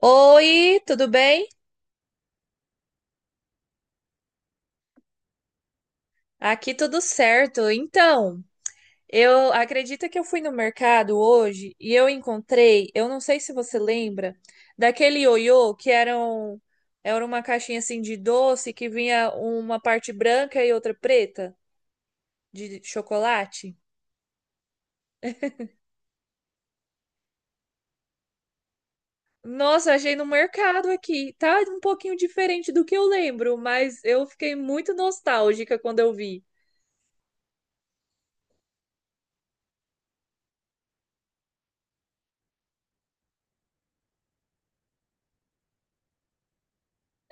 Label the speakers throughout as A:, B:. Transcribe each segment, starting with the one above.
A: Oi, tudo bem? Aqui tudo certo. Então, eu acredito que eu fui no mercado hoje e eu encontrei, eu não sei se você lembra, daquele ioiô que era, era uma caixinha assim de doce que vinha uma parte branca e outra preta de chocolate. Nossa, achei no mercado aqui. Tá um pouquinho diferente do que eu lembro, mas eu fiquei muito nostálgica quando eu vi.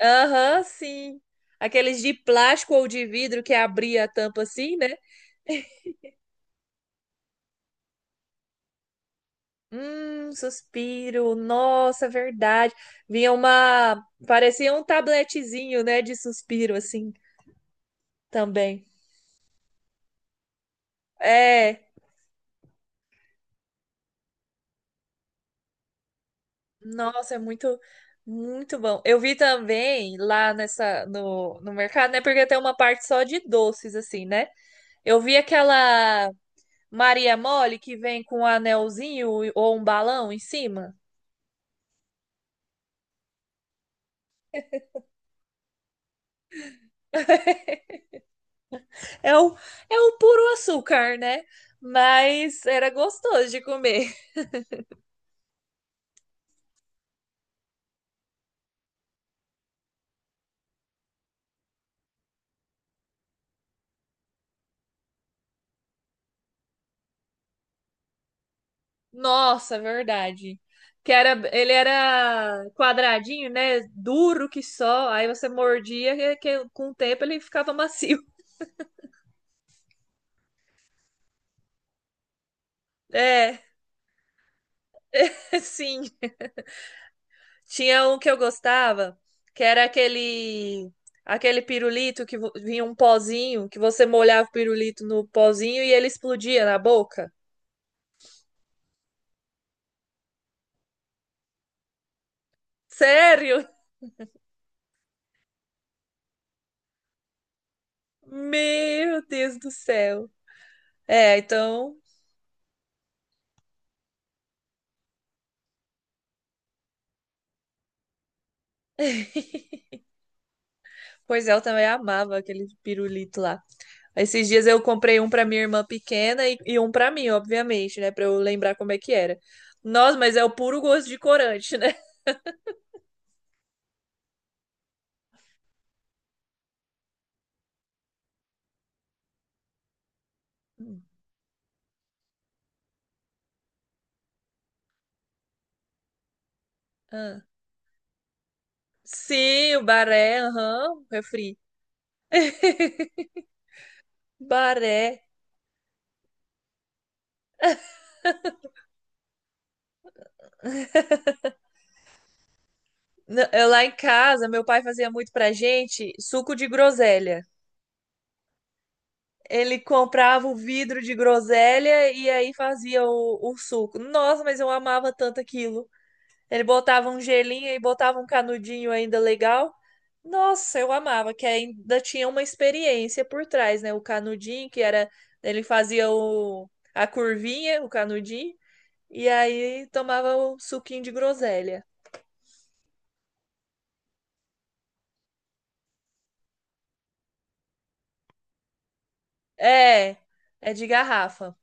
A: Aham, sim. Aqueles de plástico ou de vidro que abria a tampa assim, né? Suspiro. Nossa, é verdade. Vinha uma. Parecia um tabletezinho, né? De suspiro, assim, também. É. Nossa, é muito, muito bom. Eu vi também lá nessa, no mercado, né? Porque tem uma parte só de doces, assim, né? Eu vi aquela Maria Mole que vem com um anelzinho ou um balão em cima. É o, é o puro açúcar, né? Mas era gostoso de comer. Nossa, verdade. Que era, ele era quadradinho, né? Duro que só. Aí você mordia que com o tempo ele ficava macio. É, sim. Tinha um que eu gostava, que era aquele pirulito que vinha um pozinho, que você molhava o pirulito no pozinho e ele explodia na boca. Sério? Meu Deus do céu. É, então, pois é, eu também amava aquele pirulito lá. Esses dias eu comprei um pra minha irmã pequena e um pra mim, obviamente, né, pra eu lembrar como é que era. Nossa, mas é o puro gosto de corante, né? Hum. Ah. Sim, o baré, aham, refri. Baré. Eu lá em casa, meu pai fazia muito pra gente suco de groselha. Ele comprava o vidro de groselha e aí fazia o suco. Nossa, mas eu amava tanto aquilo. Ele botava um gelinho e botava um canudinho ainda legal. Nossa, eu amava, que ainda tinha uma experiência por trás, né? O canudinho, que era. Ele fazia a curvinha, o canudinho, e aí tomava o suquinho de groselha. É, é de garrafa.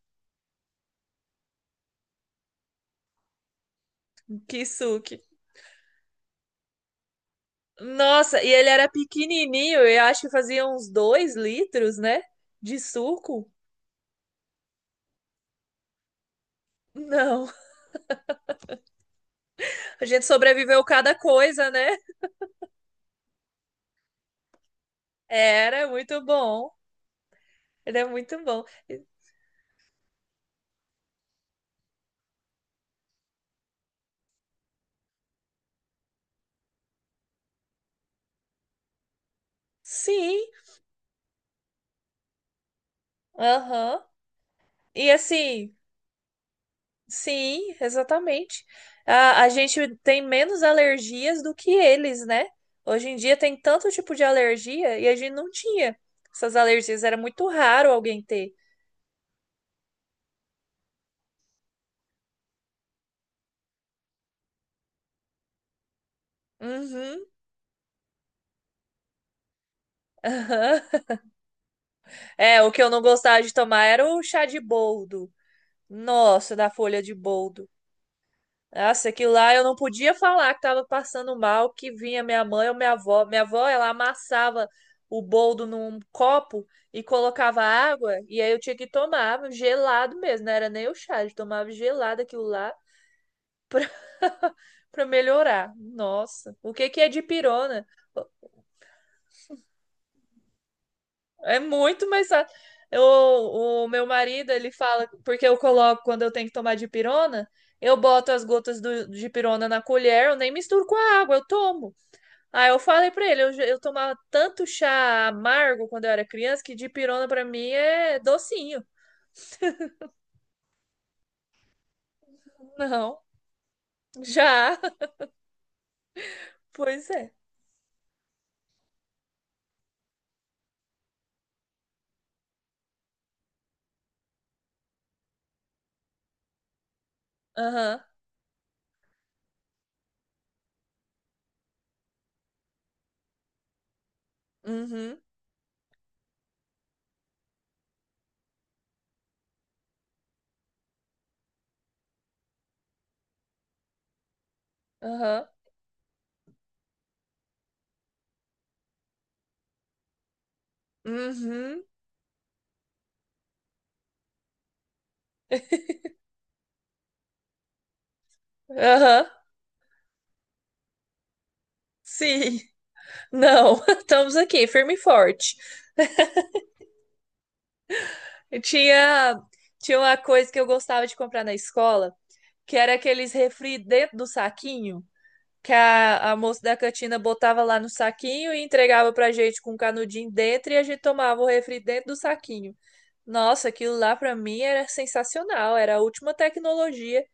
A: Que suco. Nossa, e ele era pequenininho, eu acho que fazia uns dois litros, né? De suco. Não, a gente sobreviveu cada coisa, né? Era muito bom. Ele é muito bom. Sim, aham. E assim, sim, exatamente. A gente tem menos alergias do que eles, né? Hoje em dia tem tanto tipo de alergia e a gente não tinha essas alergias. Era muito raro alguém ter. Uhum. Aham. É, o que eu não gostava de tomar era o chá de boldo. Nossa, da folha de boldo. Nossa, aquilo lá eu não podia falar que tava passando mal, que vinha minha mãe ou minha avó. Minha avó, ela amassava o boldo num copo e colocava água, e aí eu tinha que tomar gelado mesmo, não era nem o chá, eu tomava gelado aquilo lá pra, pra melhorar. Nossa, o que que é dipirona? É muito mais fácil. Eu, o meu marido, ele fala, porque eu coloco quando eu tenho que tomar dipirona, eu boto as gotas de pirona na colher, eu nem misturo com a água, eu tomo. Ah, eu falei pra ele, eu tomava tanto chá amargo quando eu era criança que dipirona pra mim é docinho. Não, já. Pois é. Aham. Uhum. Aham. Uhum. Aham. Sim. Não, estamos aqui, firme e forte. Eu tinha, tinha uma coisa que eu gostava de comprar na escola, que era aqueles refri dentro do saquinho, que a moça da cantina botava lá no saquinho e entregava pra gente com um canudinho dentro e a gente tomava o refri dentro do saquinho. Nossa, aquilo lá pra mim era sensacional, era a última tecnologia.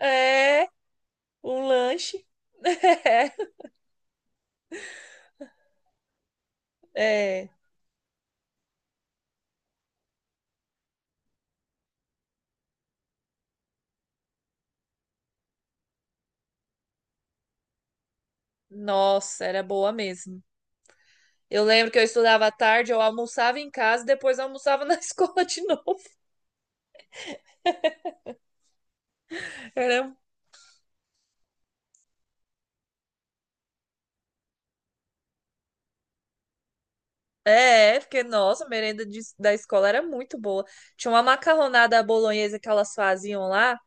A: É, um lanche. É, é. Nossa, era boa mesmo. Eu lembro que eu estudava à tarde, eu almoçava em casa e depois almoçava na escola de novo. Era é, porque, nossa, a merenda da escola era muito boa. Tinha uma macarronada à bolonhesa que elas faziam lá,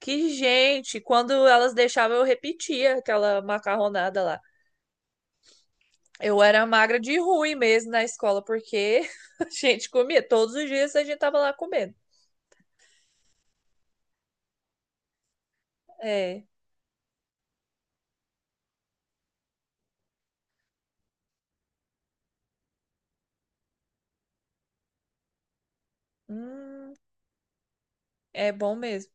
A: que gente, quando elas deixavam, eu repetia aquela macarronada lá. Eu era magra de ruim mesmo na escola, porque a gente comia. Todos os dias a gente tava lá comendo. É. Hum, é bom mesmo.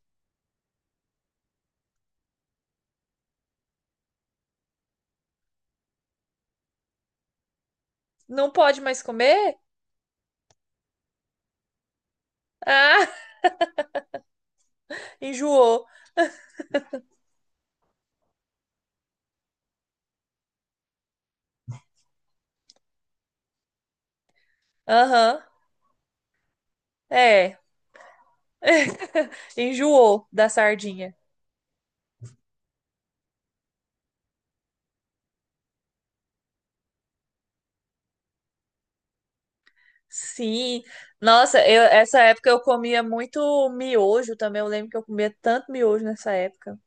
A: Não pode mais comer? Ah, enjoou. Aham, é. Enjoou da sardinha. Sim. Nossa, eu, essa época eu comia muito miojo também. Eu lembro que eu comia tanto miojo nessa época.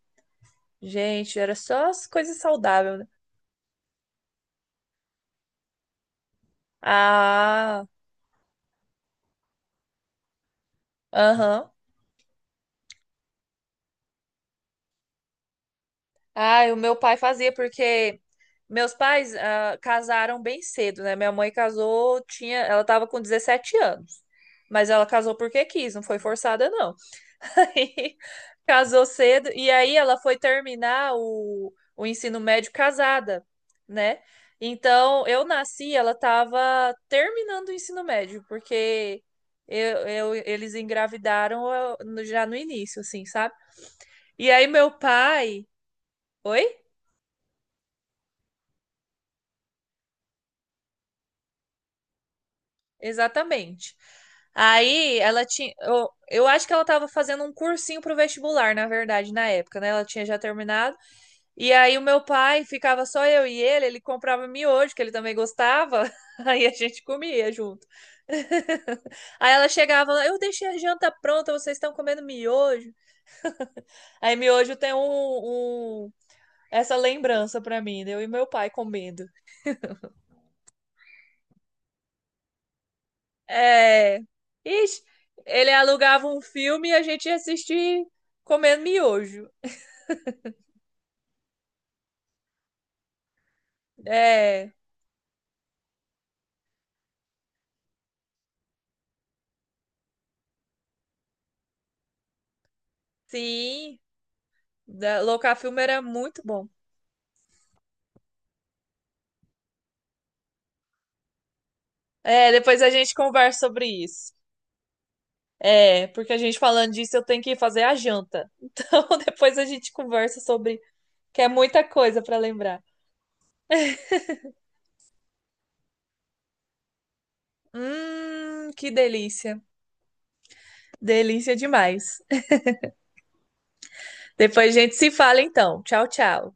A: Gente, era só as coisas saudáveis. Ah, aham. Ah, e o meu pai fazia porque meus pais casaram bem cedo, né? Minha mãe casou, tinha, ela tava com 17 anos. Mas ela casou porque quis, não foi forçada, não. Aí, casou cedo e aí ela foi terminar o ensino médio casada, né? Então, eu nasci, ela tava terminando o ensino médio, porque eles engravidaram já no início, assim, sabe? E aí meu pai. Oi? Exatamente. Aí ela tinha. Eu acho que ela estava fazendo um cursinho pro vestibular, na verdade, na época, né? Ela tinha já terminado. E aí o meu pai ficava só eu e ele comprava miojo, que ele também gostava. Aí a gente comia junto. Aí ela chegava lá, eu deixei a janta pronta, vocês estão comendo miojo. Aí miojo tem um- essa lembrança pra mim, né? Eu e meu pai comendo. É. Ixi, ele alugava um filme e a gente ia assistir comendo miojo. É. Sim. Da, locar filme era muito bom. É, depois a gente conversa sobre isso. É, porque a gente falando disso, eu tenho que fazer a janta. Então depois a gente conversa sobre, que é muita coisa para lembrar. Que delícia. Delícia demais. Depois a gente se fala então. Tchau, tchau.